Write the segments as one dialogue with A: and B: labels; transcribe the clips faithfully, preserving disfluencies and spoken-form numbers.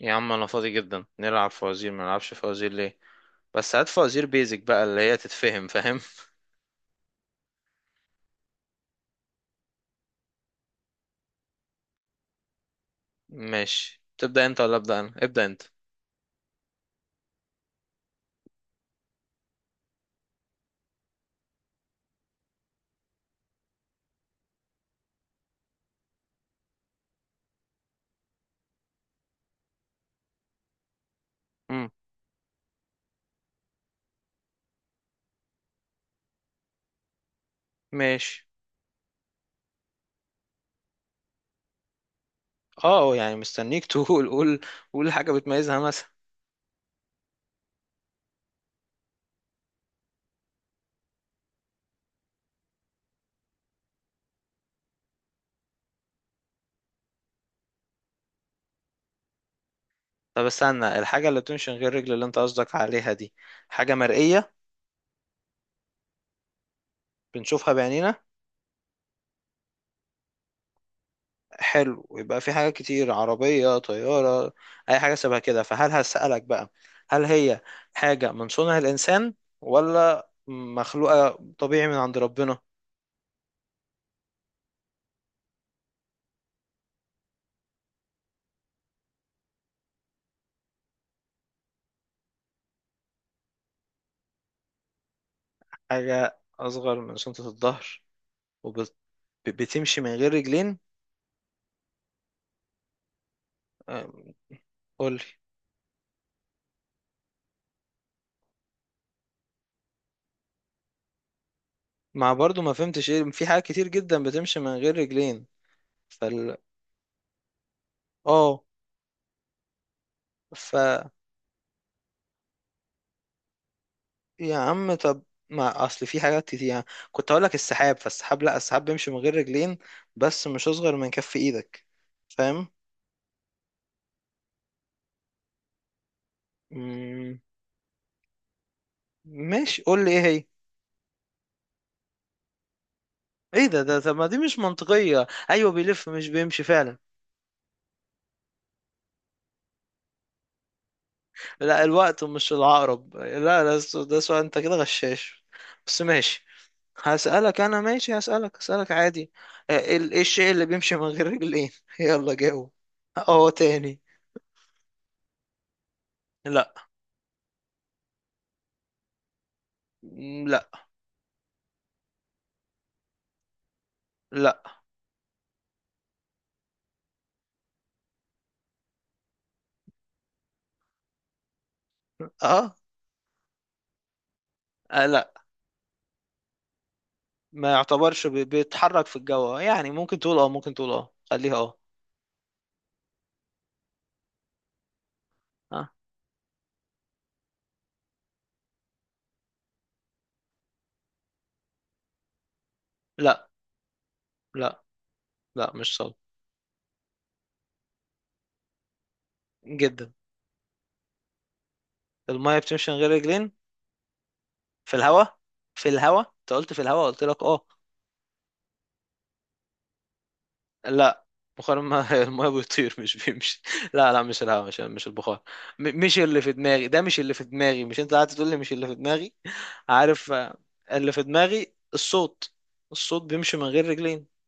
A: يا عم انا فاضي جدا، نلعب فوازير. ما نلعبش فوازير ليه؟ بس هات فوازير بيزك بقى اللي هي تتفهم، فاهم؟ ماشي، تبدأ انت ولا ابدأ انا؟ ابدأ انت. امم ماشي. اه، يعني مستنيك. تقول، قول. قول حاجة بتميزها مثلا. طب استنى، الحاجة اللي بتمشي من غير رجل اللي انت قصدك عليها دي حاجة مرئية؟ بنشوفها بعينينا؟ حلو، يبقى في حاجات كتير: عربية، طيارة، أي حاجة شبه كده. فهل هسألك بقى، هل هي حاجة من صنع الإنسان ولا مخلوقة طبيعي من عند ربنا؟ حاجة أصغر من شنطة الظهر وبتمشي من غير رجلين؟ أم، قولي. مع برضو ما فهمتش ايه، في حاجات كتير جدا بتمشي من غير رجلين. فال اه. يا عم طب، ما اصل في حاجات كتير يعني، كنت اقول لك السحاب، فالسحاب، لا، السحاب بيمشي من غير رجلين بس مش اصغر من كف ايدك. فاهم؟ مم، ماشي، قول لي ايه هي. ايه ده ده؟ طب، ما دي مش منطقية، ايوه بيلف مش بيمشي فعلا. لا، الوقت مش العقرب. لا، لا، السو- ده سؤال، انت كده غشاش، بس ماشي. هسألك انا ماشي، هسألك هسألك عادي. آه، ال- ايه الشيء اللي بيمشي من غير رجلين؟ يلا جاوب. اه تاني. لا، لا، لا، اه. آه، لا. ما يعتبرش بي- بيتحرك في الجو يعني، ممكن تقول اه، ممكن تقول اه، خليها اه. ها؟ لا، لا، لا، مش صلب. جدا. المية بتمشي من غير رجلين. في الهواء. في الهواء، انت قلت في الهواء، قلت لك اه. لا، بخار المية. المية بيطير مش بيمشي. لا، لا، مش الهواء، مش مش البخار. م- مش اللي في دماغي، ده مش اللي في دماغي، مش انت قاعد تقول لي مش اللي في دماغي. عارف. آه، اللي في دماغي الصوت. الصوت بيمشي من غير رجلين.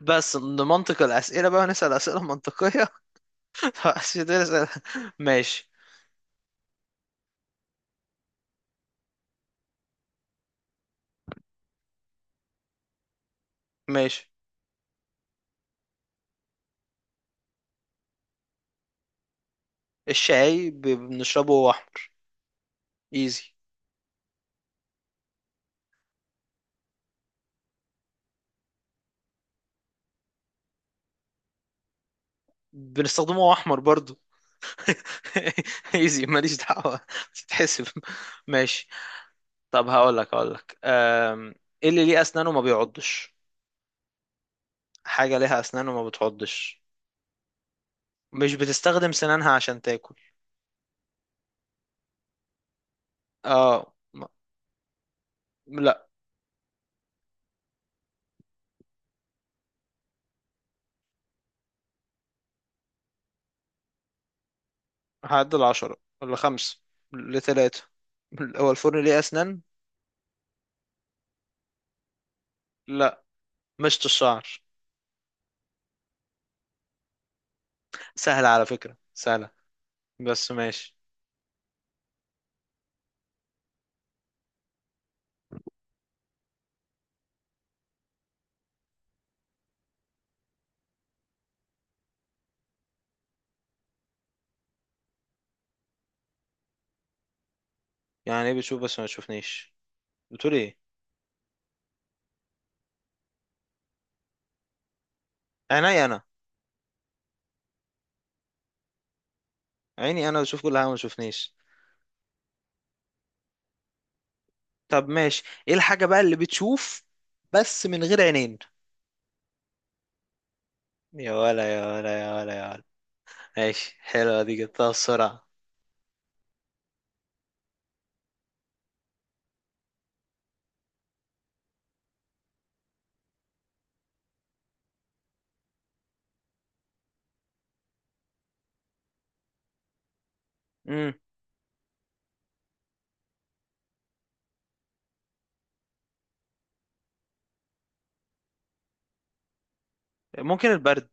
A: بس نمنطق الأسئلة بقى، نسأل أسئلة منطقية. عشان تقدر تسأل- ماشي. ماشي. الشاي ب- بنشربه وهو احمر. ايزي. بنستخدمه وهو احمر برضو. ايزي، ماليش دعوة، تتحسب، ماشي. طب هقول لك هقول لك أم، ايه اللي ليه اسنان وما بيعضش؟ حاجة ليها اسنان وما بتعضش، مش بتستخدم سنانها عشان تاكل. اه، ما- لا. هعدل عشرة، ولا خمسة، لثلاثة؟ هو الفرن ليه اسنان؟ لا، مشط الشعر. سهلة على فكرة، سهلة، بس ماشي. يعني ايه بتشوف بس ما تشوفنيش؟ بتقول ايه؟ عيني انا. عيني انا بشوف كل حاجه ما تشوفنيش. طب ماشي، ايه الحاجه بقى اللي بتشوف بس من غير عينين؟ يا ولا، يا ولا، يا ولا، يا ولا. ماشي، حلوه دي، جبتها بسرعه. امم ممكن البرد.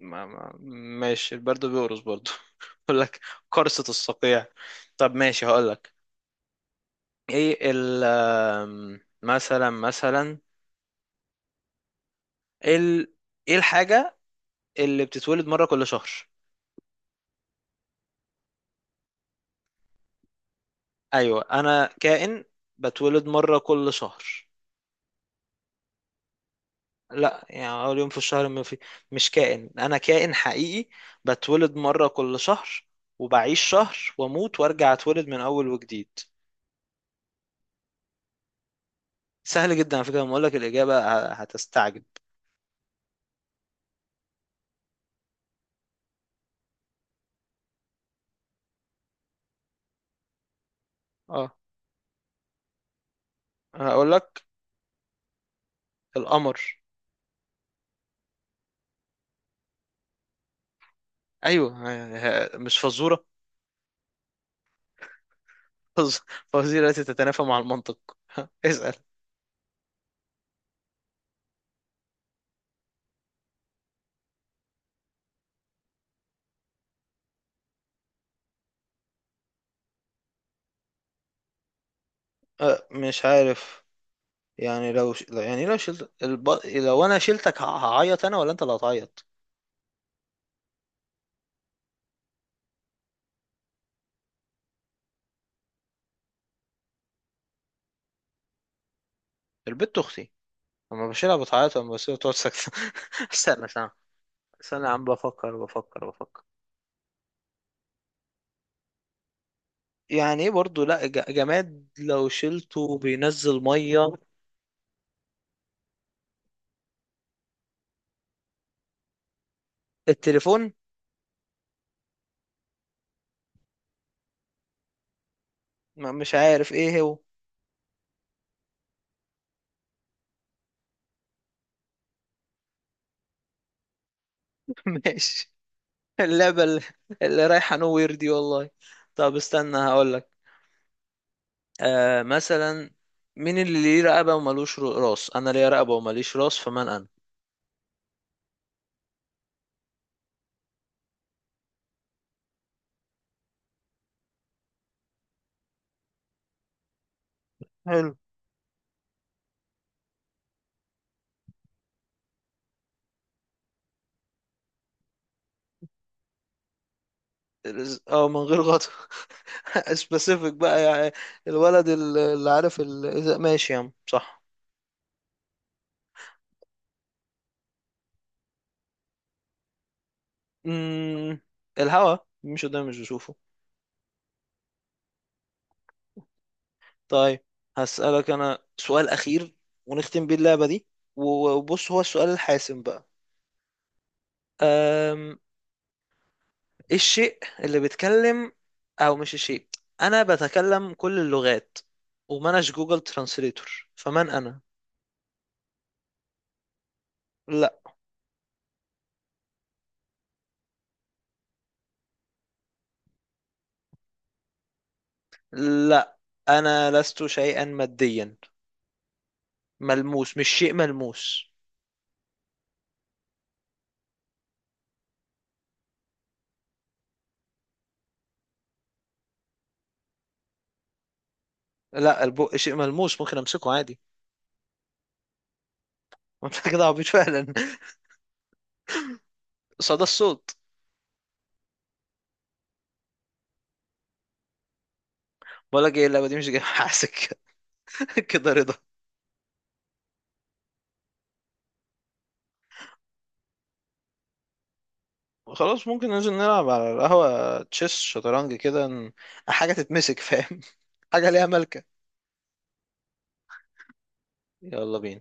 A: ما ما ماشي، البرد بيقرص برضه. بقول لك، قرصه الصقيع. طب ماشي، هقول لك، ايه ال، أم، مثلا، مثلا ال ايه الحاجه اللي بتتولد مره كل شهر؟ ايوه انا كائن، بتولد مره كل شهر. لا يعني اول يوم في الشهر، ما في، مش كائن، انا كائن حقيقي، بتولد مره كل شهر وبعيش شهر واموت وارجع اتولد من اول وجديد. سهل جدا على فكره، لما اقول لك الاجابه ه- هتستعجب. اه انا اقول لك، القمر. ايوه، ه- ه- مش فزوره. فز- فوازير التي تتنافى مع المنطق. اسال. أه، مش عارف، يعني لو ش... يعني لو شلت الب... لو انا شلتك، ه- هعيط انا ولا انت اللي هتعيط؟ البت اختي، لما بشيلها بتعيط، لما بسيبها تقعد ساكته. استنى، استنى، استنى يا عم، بفكر، بفكر، بفكر. يعني ايه برضه، لا ج- جماد لو شلته بينزل ميه؟ التليفون؟ ما مش عارف ايه هو. ماشي. اللعبه اللي, اللي رايحه نوير دي والله. طب استنى، هقول لك، آه مثلا، مين اللي ليه رقبه ومالوش رو- راس؟ انا ليا رقبه وماليش راس، فمن انا؟ حلو. اه، من غير غطا. سبيسيفيك بقى يعني. الولد ال- اللي عارف ال... إذا- ماشي يا عم صح. امم الهوا، مش قدام، مش بشوفه. طيب هسألك انا سؤال اخير، ونختم بيه اللعبة دي، وبص هو السؤال الحاسم بقى. أم... إيه الشيء اللي بيتكلم، او مش الشيء، انا بتكلم كل اللغات ومناش جوجل ترانسليتور، فمن انا؟ لا. لا، انا لست شيئا ماديا، ملموس، مش شيء ملموس. لا، البق شيء ملموس ممكن امسكه عادي. انت كده عبيط فعلا. صدى الصوت. بقول لك ايه، اللعبه دي مش جايه حاسك. كده رضا. خلاص، ممكن ننزل نلعب على القهوه، تشيس، شطرنج كده، ن- حاجه تتمسك، فاهم؟ حاجه ليها ملكه. يلا بينا.